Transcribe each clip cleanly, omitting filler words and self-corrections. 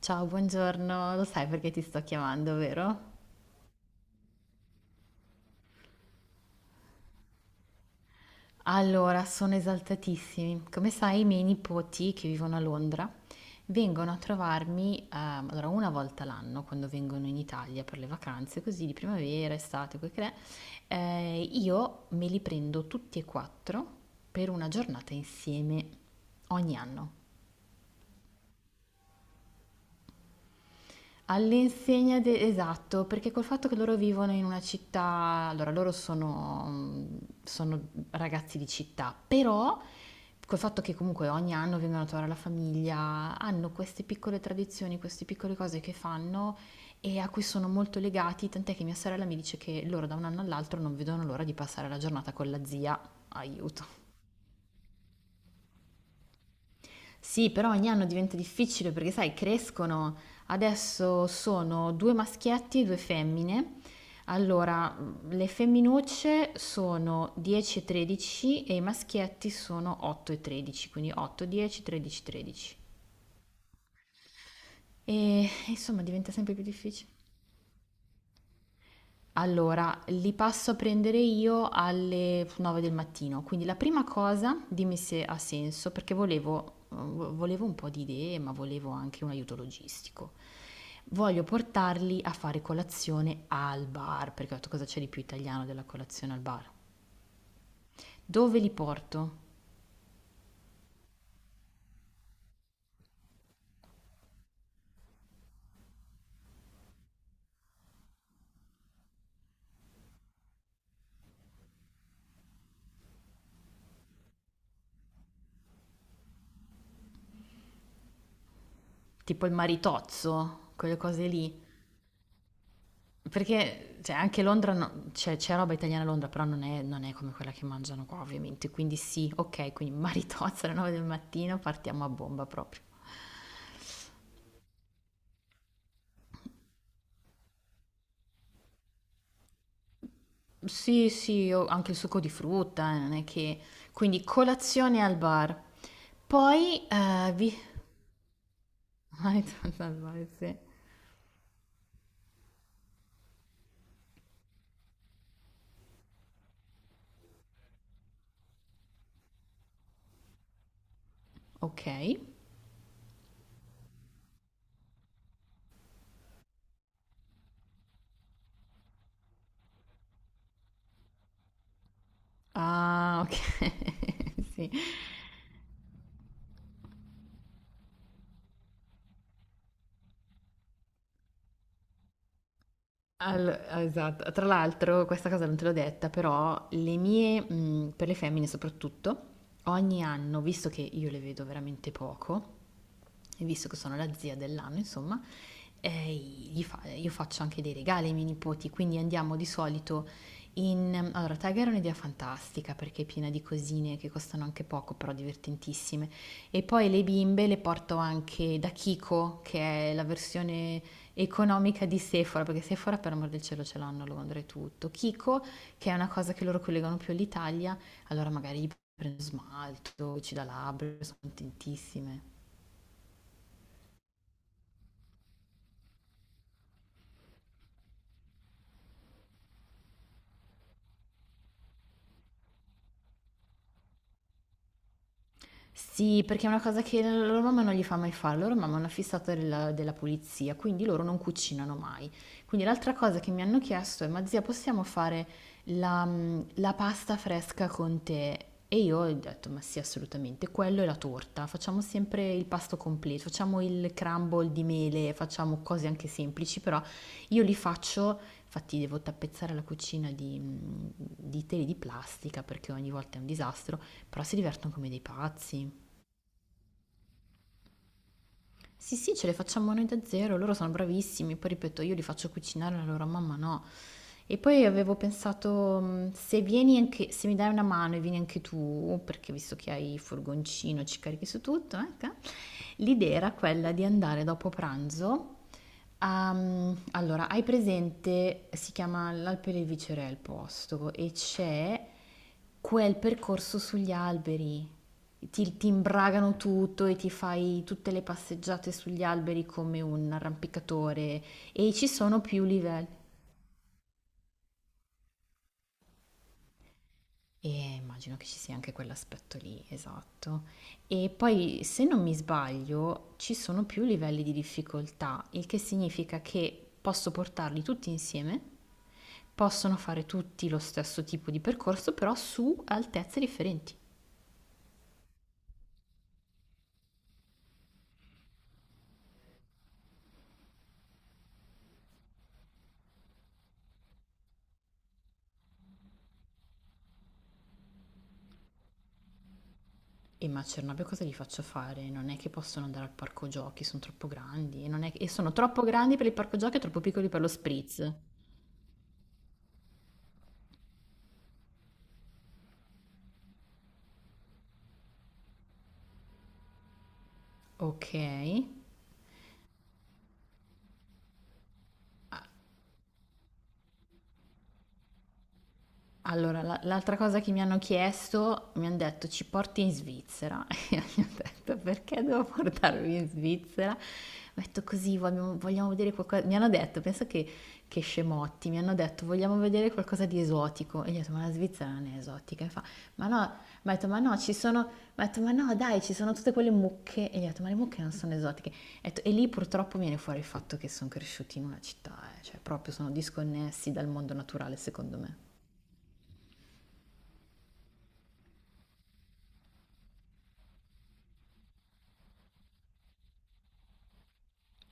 Ciao, buongiorno. Lo sai perché ti sto chiamando, vero? Allora, sono esaltatissimi. Come sai, i miei nipoti che vivono a Londra vengono a trovarmi, allora una volta l'anno quando vengono in Italia per le vacanze, così di primavera, estate, quel che è, io me li prendo tutti e quattro per una giornata insieme ogni anno. All'insegna de esatto, perché col fatto che loro vivono in una città, allora loro sono ragazzi di città, però col fatto che comunque ogni anno vengono a trovare la famiglia, hanno queste piccole tradizioni, queste piccole cose che fanno e a cui sono molto legati, tant'è che mia sorella mi dice che loro da un anno all'altro non vedono l'ora di passare la giornata con la zia, aiuto. Sì, però ogni anno diventa difficile perché, sai, crescono. Adesso sono due maschietti e due femmine. Allora, le femminucce sono 10 e 13 e i maschietti sono 8 e 13, quindi 8, 10, 13, 13. E insomma diventa sempre più difficile. Allora, li passo a prendere io alle 9 del mattino, quindi la prima cosa, dimmi se ha senso, perché volevo un po' di idee, ma volevo anche un aiuto logistico. Voglio portarli a fare colazione al bar, perché ho detto cosa c'è di più italiano della colazione al bar. Dove li porto? Tipo il maritozzo, quelle cose lì? Perché cioè, anche Londra, no- cioè, c'è roba italiana a Londra, però non è come quella che mangiano qua, ovviamente. Quindi sì, ok, quindi maritozza alle 9 del mattino, partiamo a bomba proprio. Sì, sì, ho anche il succo di frutta, non è che... Quindi colazione al bar. Poi, vi... maritozza al bar, sì. Ok. Ah, ok, sì. Al- esatto. Tra l'altro, questa cosa non te l'ho detta, però le mie, per le femmine soprattutto, ogni anno, visto che io le vedo veramente poco, e visto che sono la zia dell'anno, insomma, gli fa- io faccio anche dei regali ai miei nipoti, quindi andiamo di solito in... Allora, Tiger è un'idea fantastica perché è piena di cosine che costano anche poco, però divertentissime. E poi le bimbe le porto anche da Kiko, che è la versione economica di Sephora, perché Sephora per amor del cielo ce l'hanno a Londra e tutto. Kiko, che è una cosa che loro collegano più all'Italia, allora magari gli prendo smalto, ci da labbra, sono contentissime. Sì, perché è una cosa che la loro mamma non gli fa mai fare, la loro mamma è una fissata della pulizia, quindi loro non cucinano mai. Quindi l'altra cosa che mi hanno chiesto è, ma zia, possiamo fare la pasta fresca con te? E io ho detto, ma sì, assolutamente, quello è la torta, facciamo sempre il pasto completo, facciamo il crumble di mele, facciamo cose anche semplici, però io li faccio, infatti devo tappezzare la cucina di, di tele di plastica perché ogni volta è un disastro, però si divertono come dei pazzi. Sì, sì, ce le facciamo noi da zero, loro sono bravissimi, poi ripeto, io li faccio cucinare, la loro mamma no. E poi avevo pensato, se vieni anche, se mi dai una mano e vieni anche tu, perché visto che hai il furgoncino, ci carichi su tutto, ecco, l'idea era quella di andare dopo pranzo. Allora, hai presente, si chiama l'Alpe del Viceré il posto e c'è quel percorso sugli alberi. Ti imbragano tutto e ti fai tutte le passeggiate sugli alberi come un arrampicatore e ci sono più livelli. E immagino che ci sia anche quell'aspetto lì, esatto. E poi, se non mi sbaglio, ci sono più livelli di difficoltà, il che significa che posso portarli tutti insieme, possono fare tutti lo stesso tipo di percorso, però su altezze differenti. E ma a Cernobbio cosa gli faccio fare? Non è che possono andare al parco giochi, sono troppo grandi, e non è- che... e sono troppo grandi per il parco giochi e troppo piccoli per lo spritz. Ok, allora, la- l'altra cosa che mi hanno chiesto, mi hanno detto ci porti in Svizzera. E io gli ho detto perché devo portarvi in Svizzera? Ho detto così, vogliamo vedere qualcosa. Mi hanno detto, pensa che scemotti, mi hanno detto vogliamo vedere qualcosa di esotico. E gli ho detto ma la Svizzera non è esotica. E fa, ma no, ma ho detto ma no, ci sono, ma ho detto ma no dai, ci sono tutte quelle mucche. E gli ho detto ma le mucche non sono esotiche. Ho detto, e lì purtroppo viene fuori il fatto che sono cresciuti in una città, cioè proprio sono disconnessi dal mondo naturale secondo me.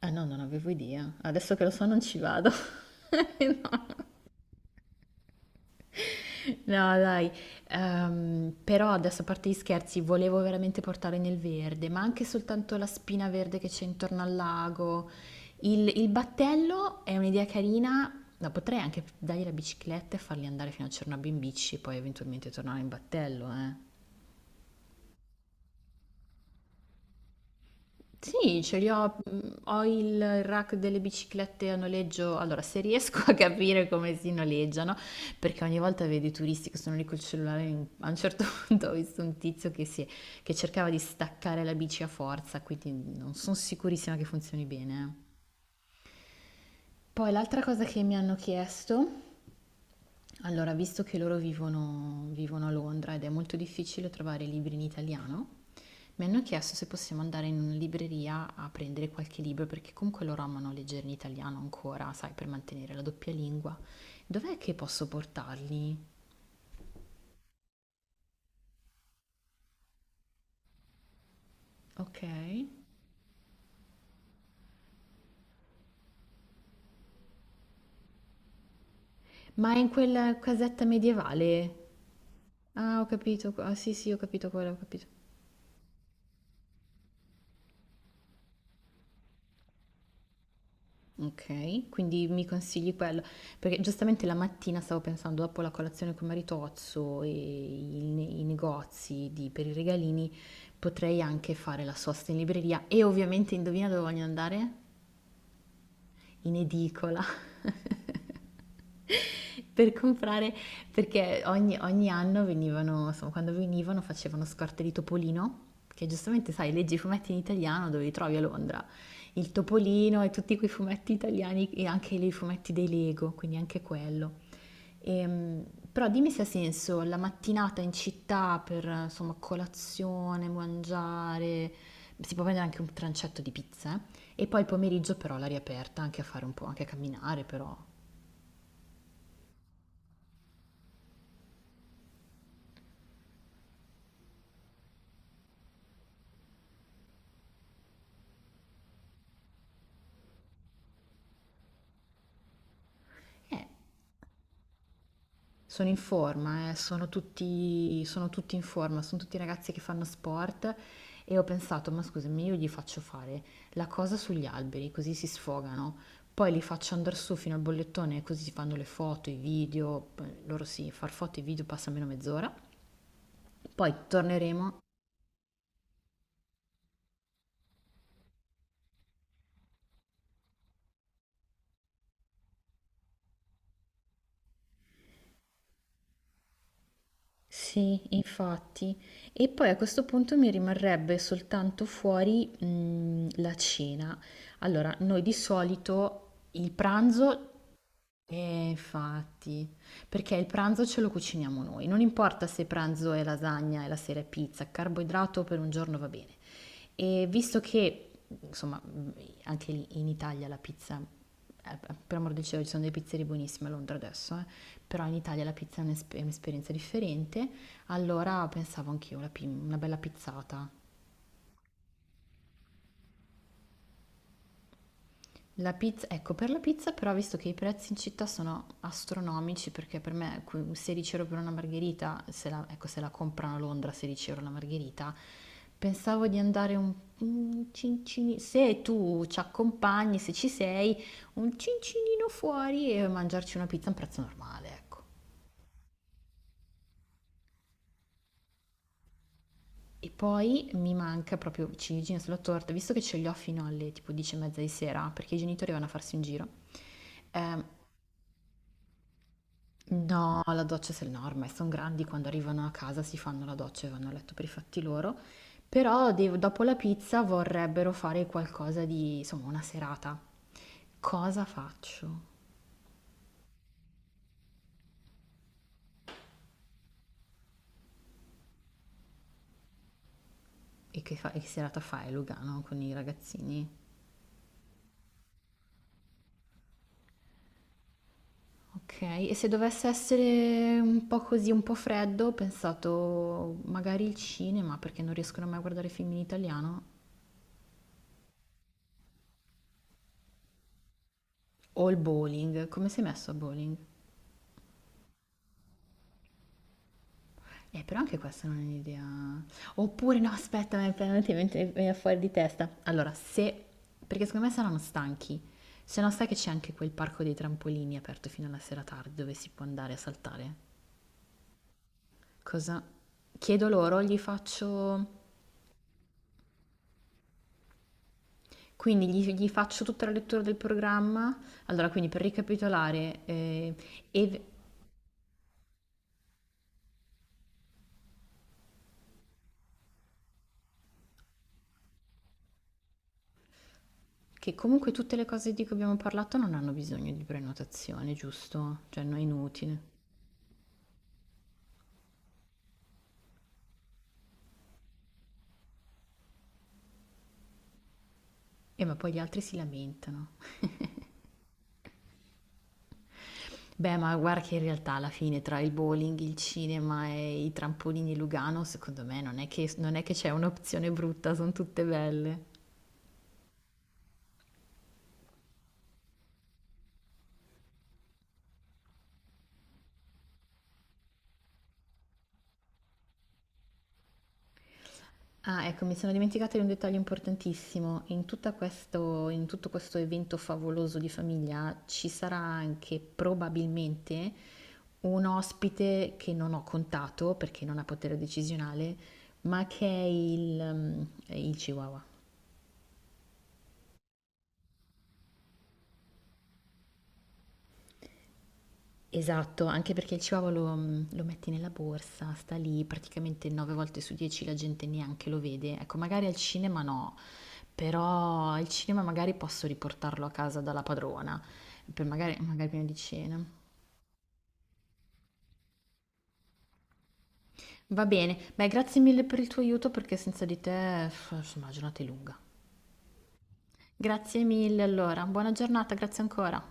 Ah no, non avevo idea. Adesso che lo so non ci vado. No, dai. Però adesso a parte gli scherzi, volevo veramente portare nel verde, ma anche soltanto la spina verde che c'è intorno al lago. Il battello è un'idea carina. No, potrei anche dargli la bicicletta e farli andare fino a Cernobbio in bici e poi eventualmente tornare in battello, eh. Sì, ce li ho. Ho il rack delle biciclette a noleggio. Allora, se riesco a capire come si noleggiano, perché ogni volta vedi i turisti che sono lì col cellulare. A un certo punto ho visto un tizio che, che cercava di staccare la bici a forza, quindi non sono sicurissima che funzioni bene. Poi l'altra cosa che mi hanno chiesto, allora, visto che loro vivono a Londra ed è molto difficile trovare libri in italiano, mi hanno chiesto se possiamo andare in una libreria a prendere qualche libro perché comunque loro amano leggere in italiano ancora, sai, per mantenere la doppia lingua. Dov'è che posso portarli? Ok. Ma in quella casetta medievale? Ah, ho capito. Ah, sì, sì, ho capito quello, ho capito. Ok, quindi mi consigli quello, perché giustamente la mattina stavo pensando, dopo la colazione con Maritozzo e i per i regalini, potrei anche fare la sosta in libreria e ovviamente indovina dove voglio andare? In edicola per comprare, perché ogni anno venivano, insomma, quando venivano facevano scorte di topolino, che giustamente sai, leggi i fumetti in italiano dove li trovi a Londra, il topolino e tutti quei fumetti italiani e anche i fumetti dei Lego, quindi anche quello. Ehm, Però dimmi se ha senso la mattinata in città per, insomma, colazione, mangiare, si può prendere anche un trancetto di pizza, eh? E poi il pomeriggio però all'aria aperta, anche a fare un po', anche a camminare però. Eh, Sono in forma, sono tutti in forma, sono tutti ragazzi che fanno sport e ho pensato, ma scusami, io gli faccio fare la cosa sugli alberi, così si sfogano, poi li faccio andare su fino al bollettone, così si fanno le foto, i video, poi loro sì, far foto e video passa almeno mezz'ora, poi torneremo. Sì, infatti. E poi a questo punto mi rimarrebbe soltanto fuori, la cena. Allora, noi di solito il pranzo. Infatti, perché il pranzo ce lo cuciniamo noi, non importa se pranzo è lasagna e la sera è pizza, carboidrato per un giorno va bene. E visto che, insomma, anche lì in Italia la pizza, per amor del cielo, ci sono delle pizzerie buonissime a Londra adesso, però in Italia la pizza è un'esperienza differente, allora pensavo anch'io una bella pizzata. La pizza, ecco, per la pizza però, visto che i prezzi in città sono astronomici, perché per me que- 16 € per una margherita, se la, ecco, se la comprano a Londra 16 € la margherita, pensavo di andare un cincini, se tu ci accompagni, se ci sei, un cincinino fuori e mangiarci una pizza a un prezzo normale, ecco. E poi mi manca proprio ciliegina sulla torta, visto che ce li ho fino alle tipo 10 e mezza di sera, perché i genitori vanno a farsi un giro. Ehm, No, la doccia se no, ormai sono grandi, quando arrivano a casa si fanno la doccia e vanno a letto per i fatti loro, però dopo la pizza vorrebbero fare qualcosa di, insomma, una serata. Cosa faccio? E che, e che serata fai, Lugano, con i ragazzini? Ok, e se dovesse essere un po' così, un po' freddo, ho pensato magari il cinema, perché non riescono mai a guardare film in italiano, o il bowling, come sei messo a bowling? Però anche questa non è un'idea. Oppure no, aspetta, mi è venuta in mente- mi viene fuori di testa. Allora, se... Perché secondo me saranno stanchi. Se no sai che c'è anche quel parco dei trampolini aperto fino alla sera tardi dove si può andare a saltare. Cosa? Chiedo loro, gli faccio... Quindi gli faccio tutta la lettura del programma. Allora, quindi per ricapitolare, e- che comunque tutte le cose di cui abbiamo parlato non hanno bisogno di prenotazione, giusto? Cioè, non è inutile. Ma poi gli altri si lamentano. Beh, ma guarda che in realtà alla fine tra il bowling, il cinema e i trampolini Lugano, secondo me non è che c'è un'opzione brutta, sono tutte belle. Ah, ecco, mi sono dimenticata di un dettaglio importantissimo. In tutto questo evento favoloso di famiglia ci sarà anche probabilmente un ospite che non ho contato perché non ha potere decisionale, ma che è il Chihuahua. Esatto, anche perché il Chihuahua lo metti nella borsa, sta lì, praticamente 9 volte su 10 la gente neanche lo vede. Ecco, magari al cinema no, però al cinema magari posso riportarlo a casa dalla padrona, per magari prima di cena. Va bene, beh, grazie mille per il tuo aiuto perché senza di te, insomma, la giornata è lunga. Grazie mille allora, buona giornata, grazie ancora.